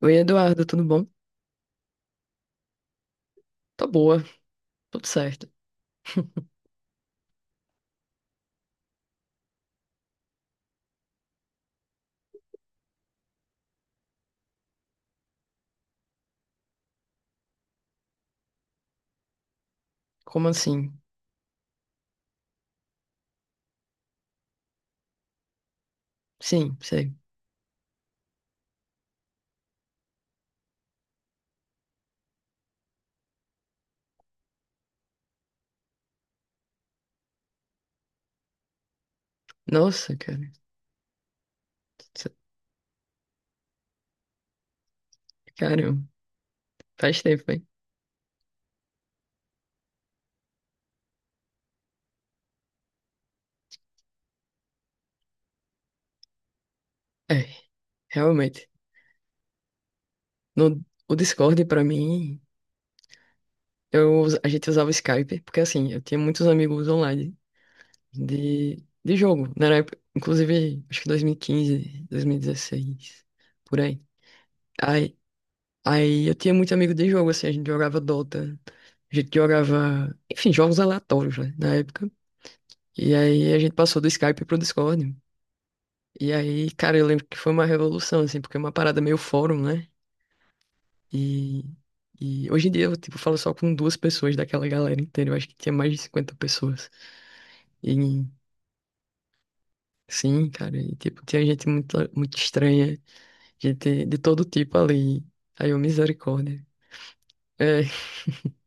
Oi, Eduardo, tudo bom? Tá boa, tudo certo. Como assim? Sim, sei. Nossa, cara. Cê- Caramba, faz tempo, hein? É, realmente. No, o Discord, pra mim, a gente usava o Skype, porque assim, eu tinha muitos amigos online de, de jogo, né? Na época, inclusive, acho que 2015, 2016, por aí. Aí, aí eu tinha muito amigo de jogo, assim, a gente jogava Dota, a gente jogava, enfim, jogos aleatórios, né? Na época. E aí a gente passou do Skype pro Discord. E aí, cara, eu lembro que foi uma revolução, assim, porque é uma parada meio fórum, né? E, e hoje em dia eu, tipo, falo só com duas pessoas daquela galera inteira. Eu acho que tinha mais de 50 pessoas. E sim, cara, e, tipo, tinha gente muito, muito estranha, gente de todo tipo ali. Aí eu, misericórdia. É.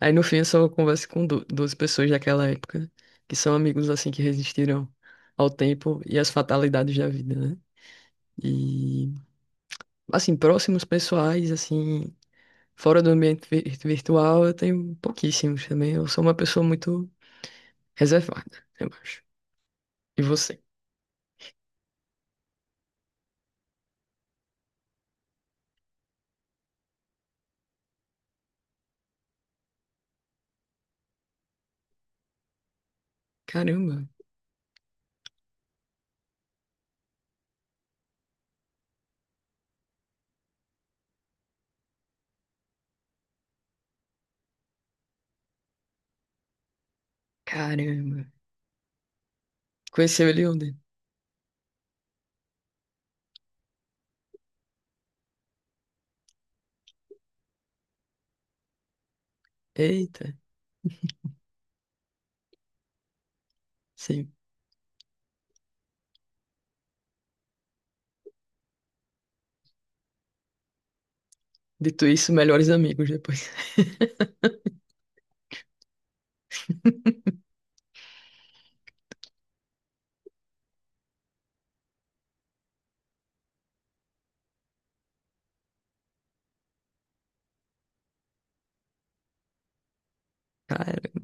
Aí no fim eu só converso com duas pessoas daquela época, que são amigos assim que resistiram ao tempo e às fatalidades da vida, né? E assim, próximos pessoais, assim, fora do ambiente virtual, eu tenho pouquíssimos também. Eu sou uma pessoa muito reservada, eu acho. E você? Caramba, caramba. Conheceu ele onde? Eita, sim. Dito isso, melhores amigos depois. Cara,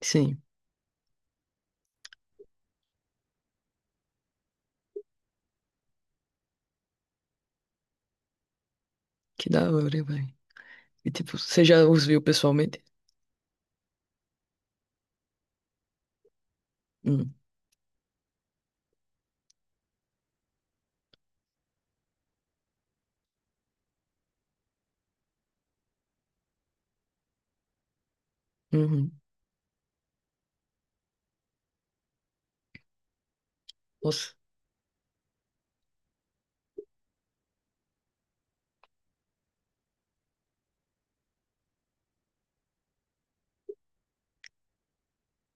sim, que da hora, velho. E tipo, você já os viu pessoalmente? Hum, uhum. Nossa,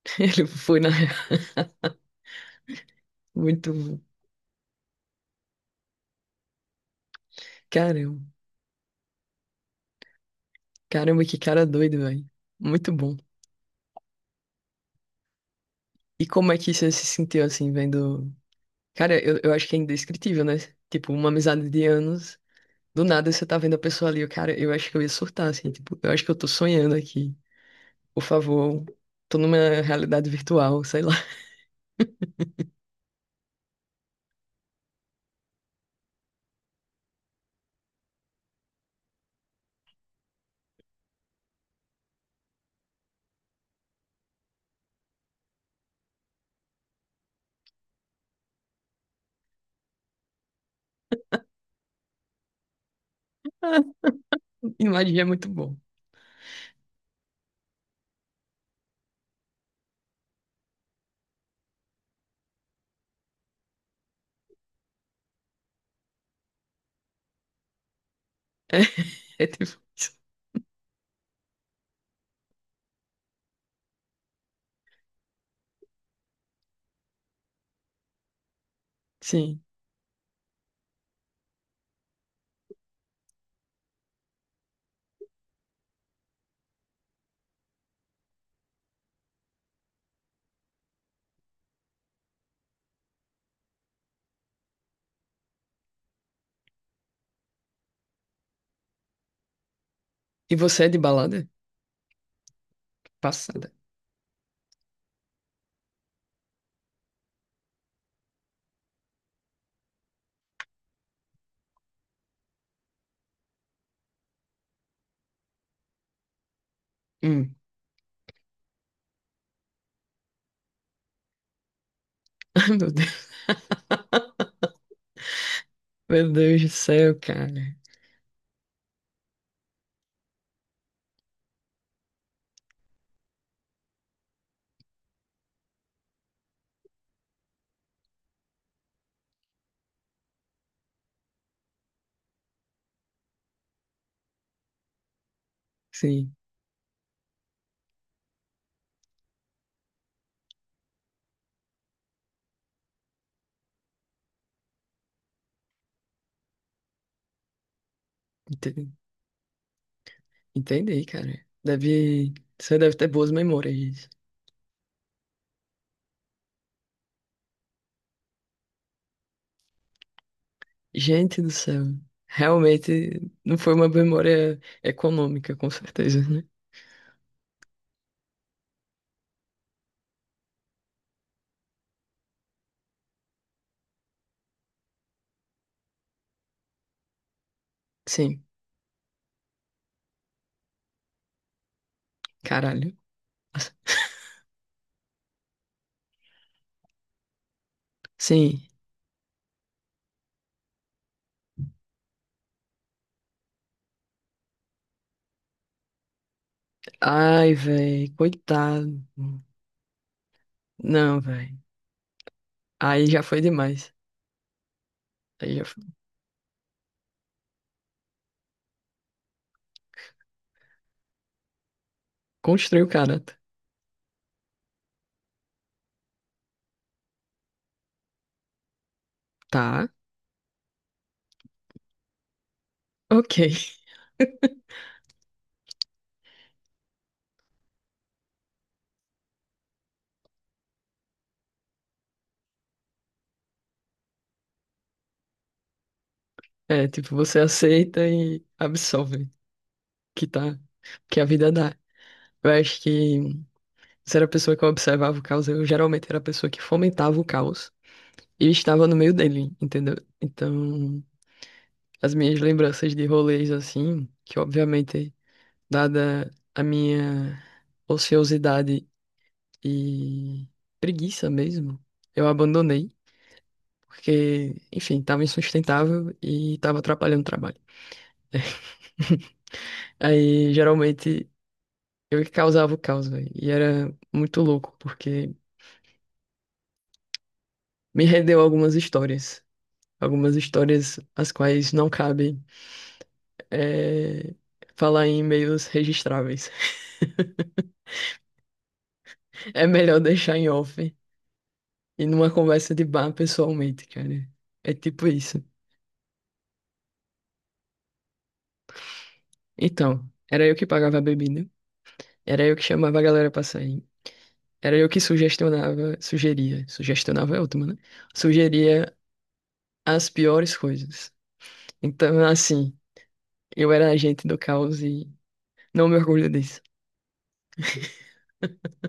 ele foi na real. Muito bom. Caramba, caramba, que cara doido, velho. Muito bom. E como é que você se sentiu assim, vendo? Cara, eu acho que é indescritível, né? Tipo, uma amizade de anos, do nada você tá vendo a pessoa ali, eu, cara, eu acho que eu ia surtar, assim, tipo, eu acho que eu tô sonhando aqui. Por favor, tô numa realidade virtual, sei lá. E é muito bom. É, é tipo isso. Sim. E você é de balada? Passada. Hum. Ai, meu Deus. Meu Deus do céu, cara. Sim, entendi. Entendi, cara. Deve. Você deve ter boas memórias. Gente do céu. Realmente não foi uma memória econômica, com certeza, né? Sim, caralho. Sim. Ai, velho, coitado. Não, velho. Aí já foi demais. Aí já foi. Construiu o caráter. Tá, ok. É, tipo, você aceita e absorve que tá, que a vida dá. Eu acho que se era a pessoa que observava o caos, eu geralmente era a pessoa que fomentava o caos e estava no meio dele, entendeu? Então, as minhas lembranças de rolês assim, que obviamente, dada a minha ociosidade e preguiça mesmo, eu abandonei, porque, enfim, tava insustentável e tava atrapalhando o trabalho. Aí, geralmente, eu que causava o caos, velho. E era muito louco, porque me rendeu algumas histórias. Algumas histórias as quais não cabe eh, falar em e-mails registráveis. É melhor deixar em off. E numa conversa de bar pessoalmente, cara. É tipo isso. Então, era eu que pagava a bebida, era eu que chamava a galera pra sair, era eu que sugestionava, sugeria, sugestionava é ótimo, né? Sugeria as piores coisas. Então, assim, eu era agente do caos e não me orgulho disso.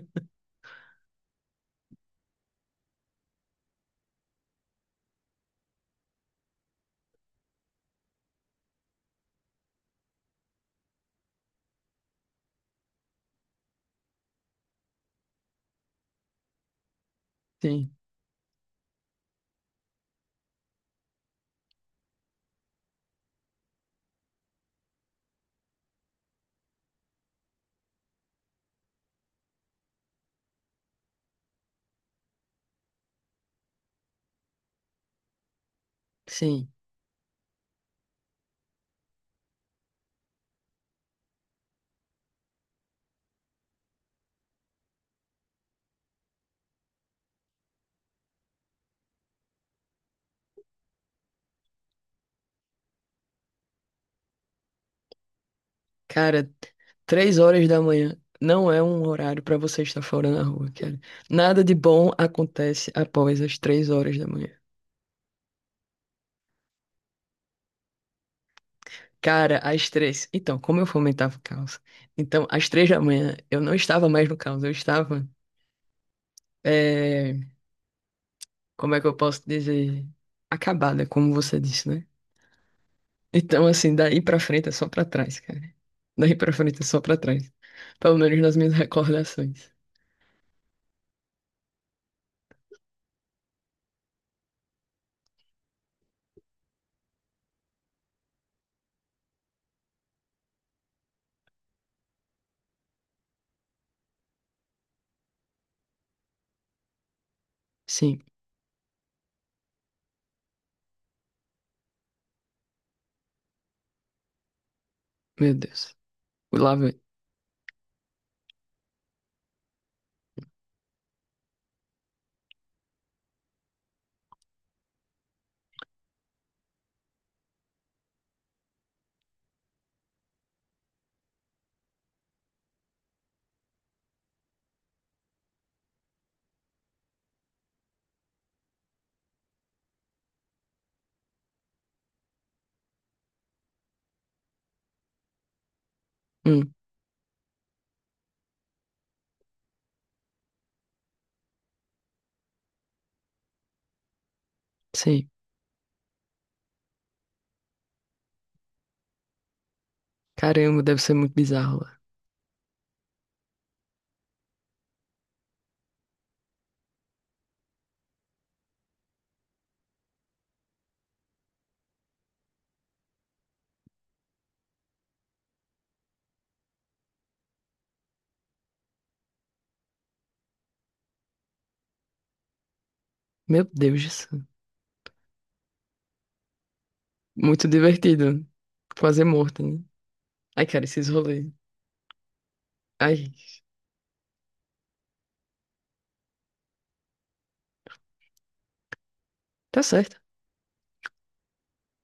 Sim, sim. Cara, 3 horas da manhã não é um horário pra você estar fora na rua, cara. Nada de bom acontece após as 3 horas da manhã. Cara, às 3. Então, como eu fomentava o caos? Então, às 3 da manhã eu não estava mais no caos, eu estava. eh, Como é que eu posso dizer? Acabada, como você disse, né? Então, assim, daí pra frente é só pra trás, cara. Daí pra frente é só pra trás. Pelo menos nas minhas recordações. Sim, meu Deus. Lá vai. Hum, sim. Caramba, deve ser muito bizarro lá. Meu Deus do céu. Muito divertido. Fazer morto, né? Ai, cara, esses rolês. Ai, tá certo.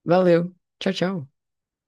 Valeu. Tchau, tchau.